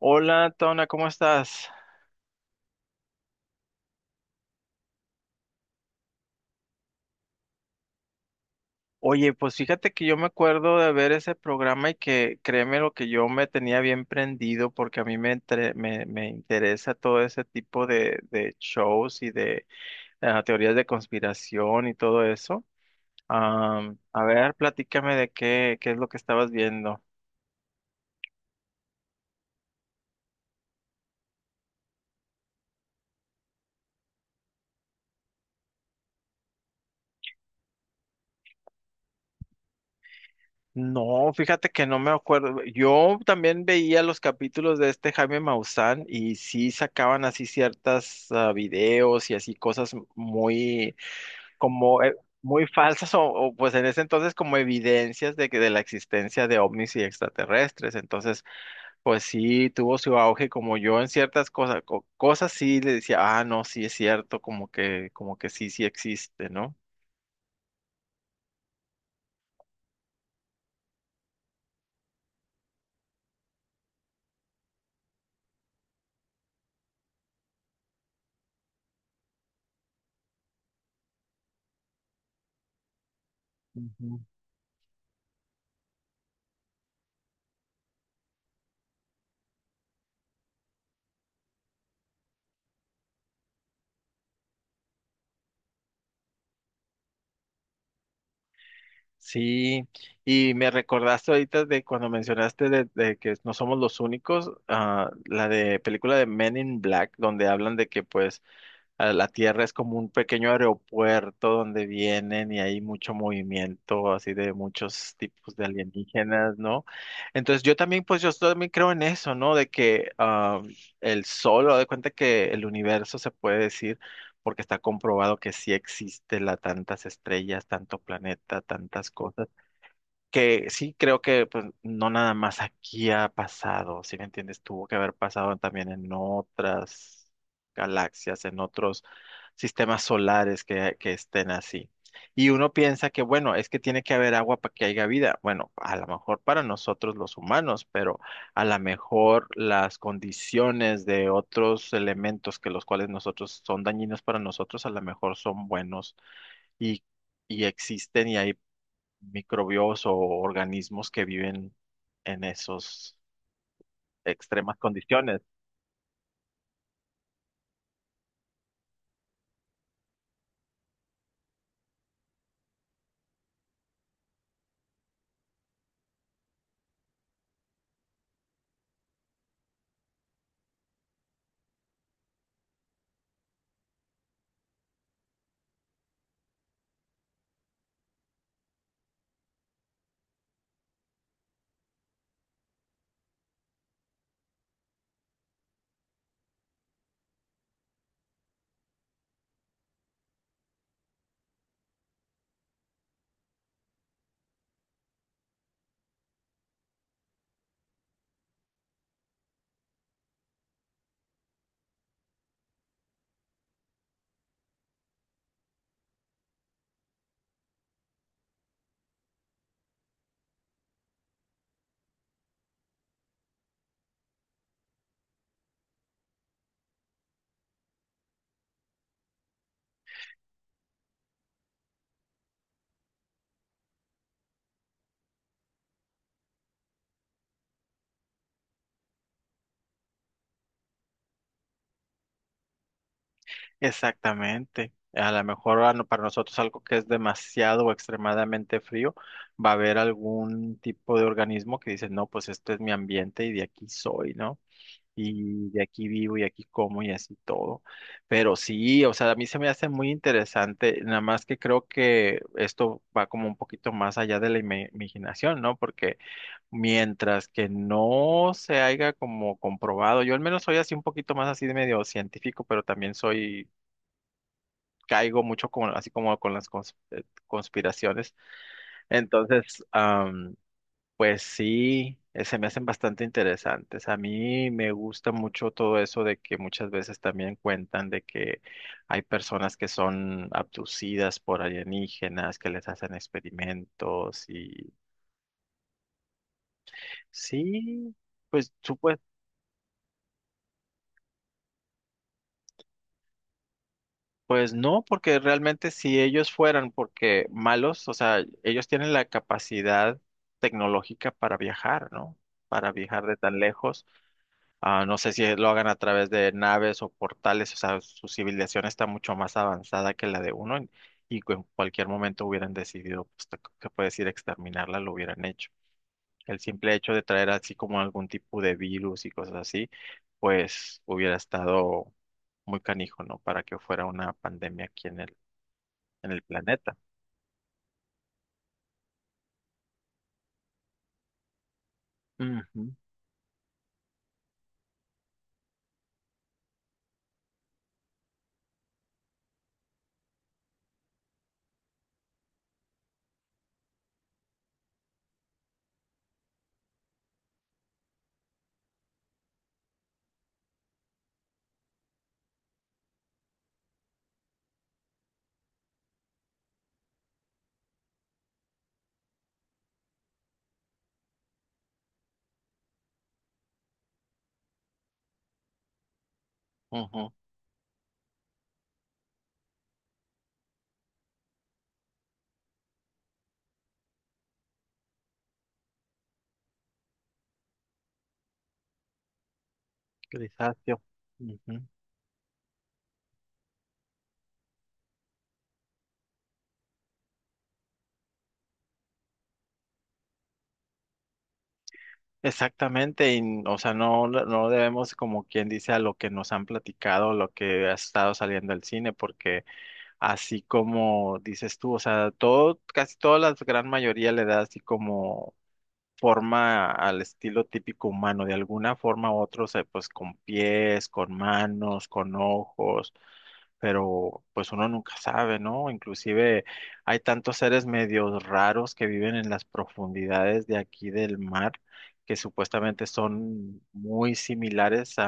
Hola, Tona, ¿cómo estás? Oye, pues fíjate que yo me acuerdo de ver ese programa y que créeme lo que yo me tenía bien prendido porque a mí me interesa todo ese tipo de shows y de teorías de conspiración y todo eso. A ver, platícame de qué es lo que estabas viendo. No, fíjate que no me acuerdo. Yo también veía los capítulos de este Jaime Maussan y sí sacaban así ciertas videos y así cosas muy como muy falsas pues en ese entonces como evidencias de que de la existencia de ovnis y extraterrestres. Entonces, pues sí tuvo su auge como yo en ciertas cosas sí le decía: "Ah, no, sí es cierto, como que sí existe, ¿no?". Sí, y me recordaste ahorita de cuando mencionaste de que no somos los únicos, la de película de Men in Black, donde hablan de que pues a la Tierra es como un pequeño aeropuerto donde vienen y hay mucho movimiento así de muchos tipos de alienígenas, ¿no? Entonces yo también, pues yo también creo en eso, ¿no? De que el Sol, haz de cuenta que el universo se puede decir, porque está comprobado que sí existe la tantas estrellas, tanto planeta, tantas cosas que sí creo que pues, no nada más aquí ha pasado, si me entiendes, tuvo que haber pasado también en otras galaxias, en otros sistemas solares que estén así. Y uno piensa que, bueno, es que tiene que haber agua para que haya vida. Bueno, a lo mejor para nosotros los humanos, pero a lo mejor las condiciones de otros elementos que los cuales nosotros son dañinos para nosotros, a lo mejor son buenos y, y existen y hay microbios o organismos que viven en esas extremas condiciones. Exactamente. A lo mejor a no- para nosotros algo que es demasiado o extremadamente frío, va a haber algún tipo de organismo que dice, no, pues este es mi ambiente y de aquí soy, ¿no? Y de aquí vivo y aquí como y así todo. Pero sí, o sea, a mí se me hace muy interesante, nada más que creo que esto va como un poquito más allá de la imaginación, ¿no? Porque mientras que no se haya como comprobado, yo al menos soy así un poquito más así de medio científico, pero también soy, caigo mucho con, así como con las conspiraciones. Entonces, pues sí, se me hacen bastante interesantes. A mí me gusta mucho todo eso de que muchas veces también cuentan de que hay personas que son abducidas por alienígenas, que les hacen experimentos y sí. Pues pues no, porque realmente si ellos fueran porque malos, o sea, ellos tienen la capacidad tecnológica para viajar, ¿no? Para viajar de tan lejos. Ah, no sé si lo hagan a través de naves o portales, o sea, su civilización está mucho más avanzada que la de uno y en cualquier momento hubieran decidido, pues, que puedes ir a exterminarla, lo hubieran hecho. El simple hecho de traer así como algún tipo de virus y cosas así, pues hubiera estado muy canijo, ¿no? Para que fuera una pandemia aquí en el planeta. Ujú, ujú, grisáceo. Ujú. Exactamente, o sea, no debemos, como quien dice, a lo que nos han platicado, lo que ha estado saliendo del cine, porque así como dices tú, o sea, todo, casi toda la gran mayoría le da así como forma al estilo típico humano, de alguna forma u otra, o sea, pues con pies, con manos, con ojos, pero pues uno nunca sabe, ¿no? Inclusive hay tantos seres medios raros que viven en las profundidades de aquí del mar, que supuestamente son muy similares a,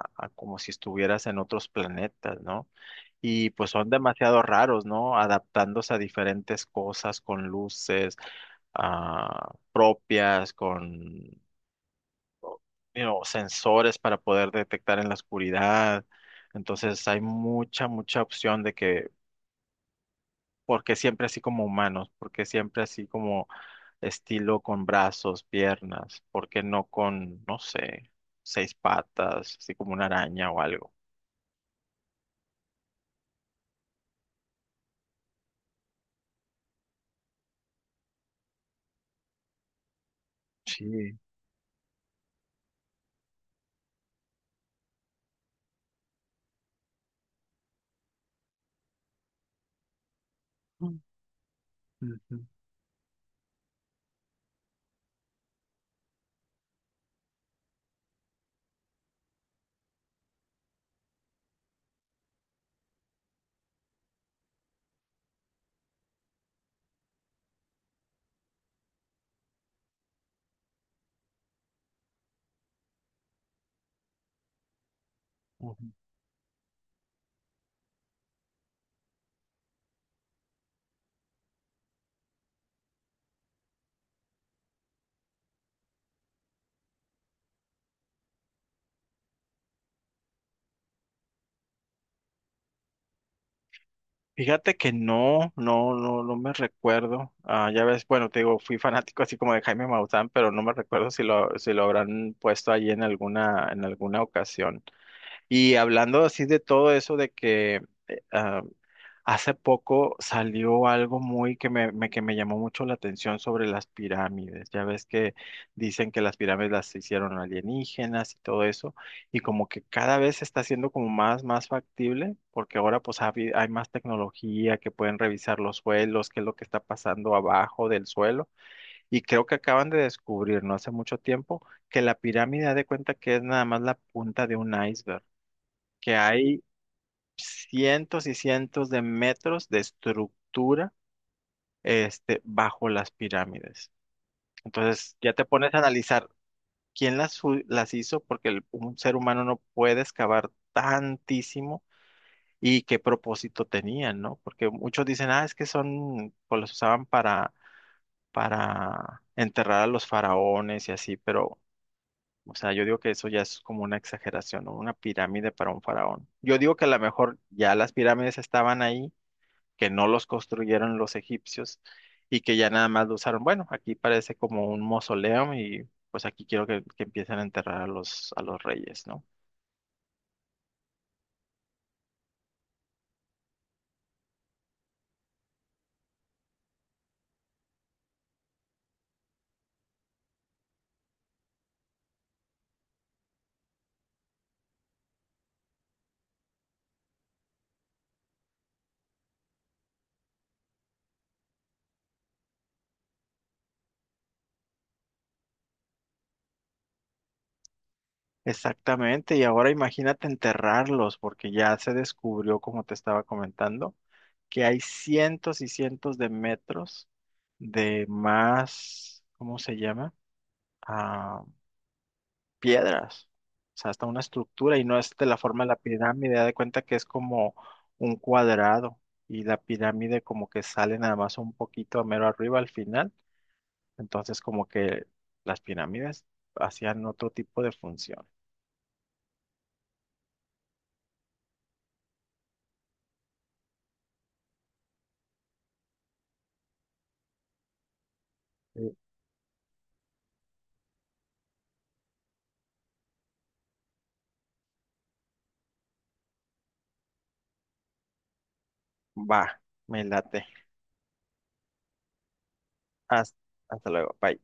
a a como si estuvieras en otros planetas, ¿no? Y pues son demasiado raros, ¿no? Adaptándose a diferentes cosas con luces propias, con sensores para poder detectar en la oscuridad. Entonces hay mucha opción de que, porque siempre así como humanos, porque siempre así como estilo con brazos, piernas, porque no con, no sé, seis patas, así como una araña o algo. Sí. Mm, ujú, ujú. Fíjate que no, no, no, no me recuerdo. Ah, ya ves, bueno, te digo, fui fanático así como de Jaime Maussan, pero no me recuerdo si lo habrán puesto allí en alguna ocasión. Y hablando así de todo eso de que, eh, ah, Hace poco salió algo muy que que me llamó mucho la atención sobre las pirámides. Ya ves que dicen que las pirámides las hicieron alienígenas y todo eso, y como que cada vez se está haciendo como más, más factible, porque ahora pues hay más tecnología que pueden revisar los suelos, qué es lo que está pasando abajo del suelo, y creo que acaban de descubrir no hace mucho tiempo que la pirámide, haz de cuenta que es nada más la punta de un iceberg. Que hay cientos y cientos de metros de estructura este, bajo las pirámides. Entonces ya te pones a analizar quién las hizo, porque un ser humano no puede excavar tantísimo y qué propósito tenían, ¿no? Porque muchos dicen, ah, es que son, pues los usaban para enterrar a los faraones y así, pero... O sea, yo digo que eso ya es como una exageración, ¿no? Una pirámide para un faraón. Yo digo que a lo mejor ya las pirámides estaban ahí que no los construyeron los egipcios y que ya nada más lo usaron. Bueno, aquí parece como un mausoleo y pues aquí quiero que empiecen a enterrar a los reyes, ¿no? Exactamente, y ahora imagínate enterrarlos, porque ya se descubrió, como te estaba comentando, que hay cientos y cientos de metros de más, ¿cómo se llama? Ah, piedras, o sea, hasta una estructura y no es de la forma de la pirámide, da de cuenta que es como un cuadrado y la pirámide como que sale nada más un poquito a mero arriba al final, entonces como que las pirámides hacían otro tipo de función. Sí. Va, me late. Hasta, hasta luego, bye.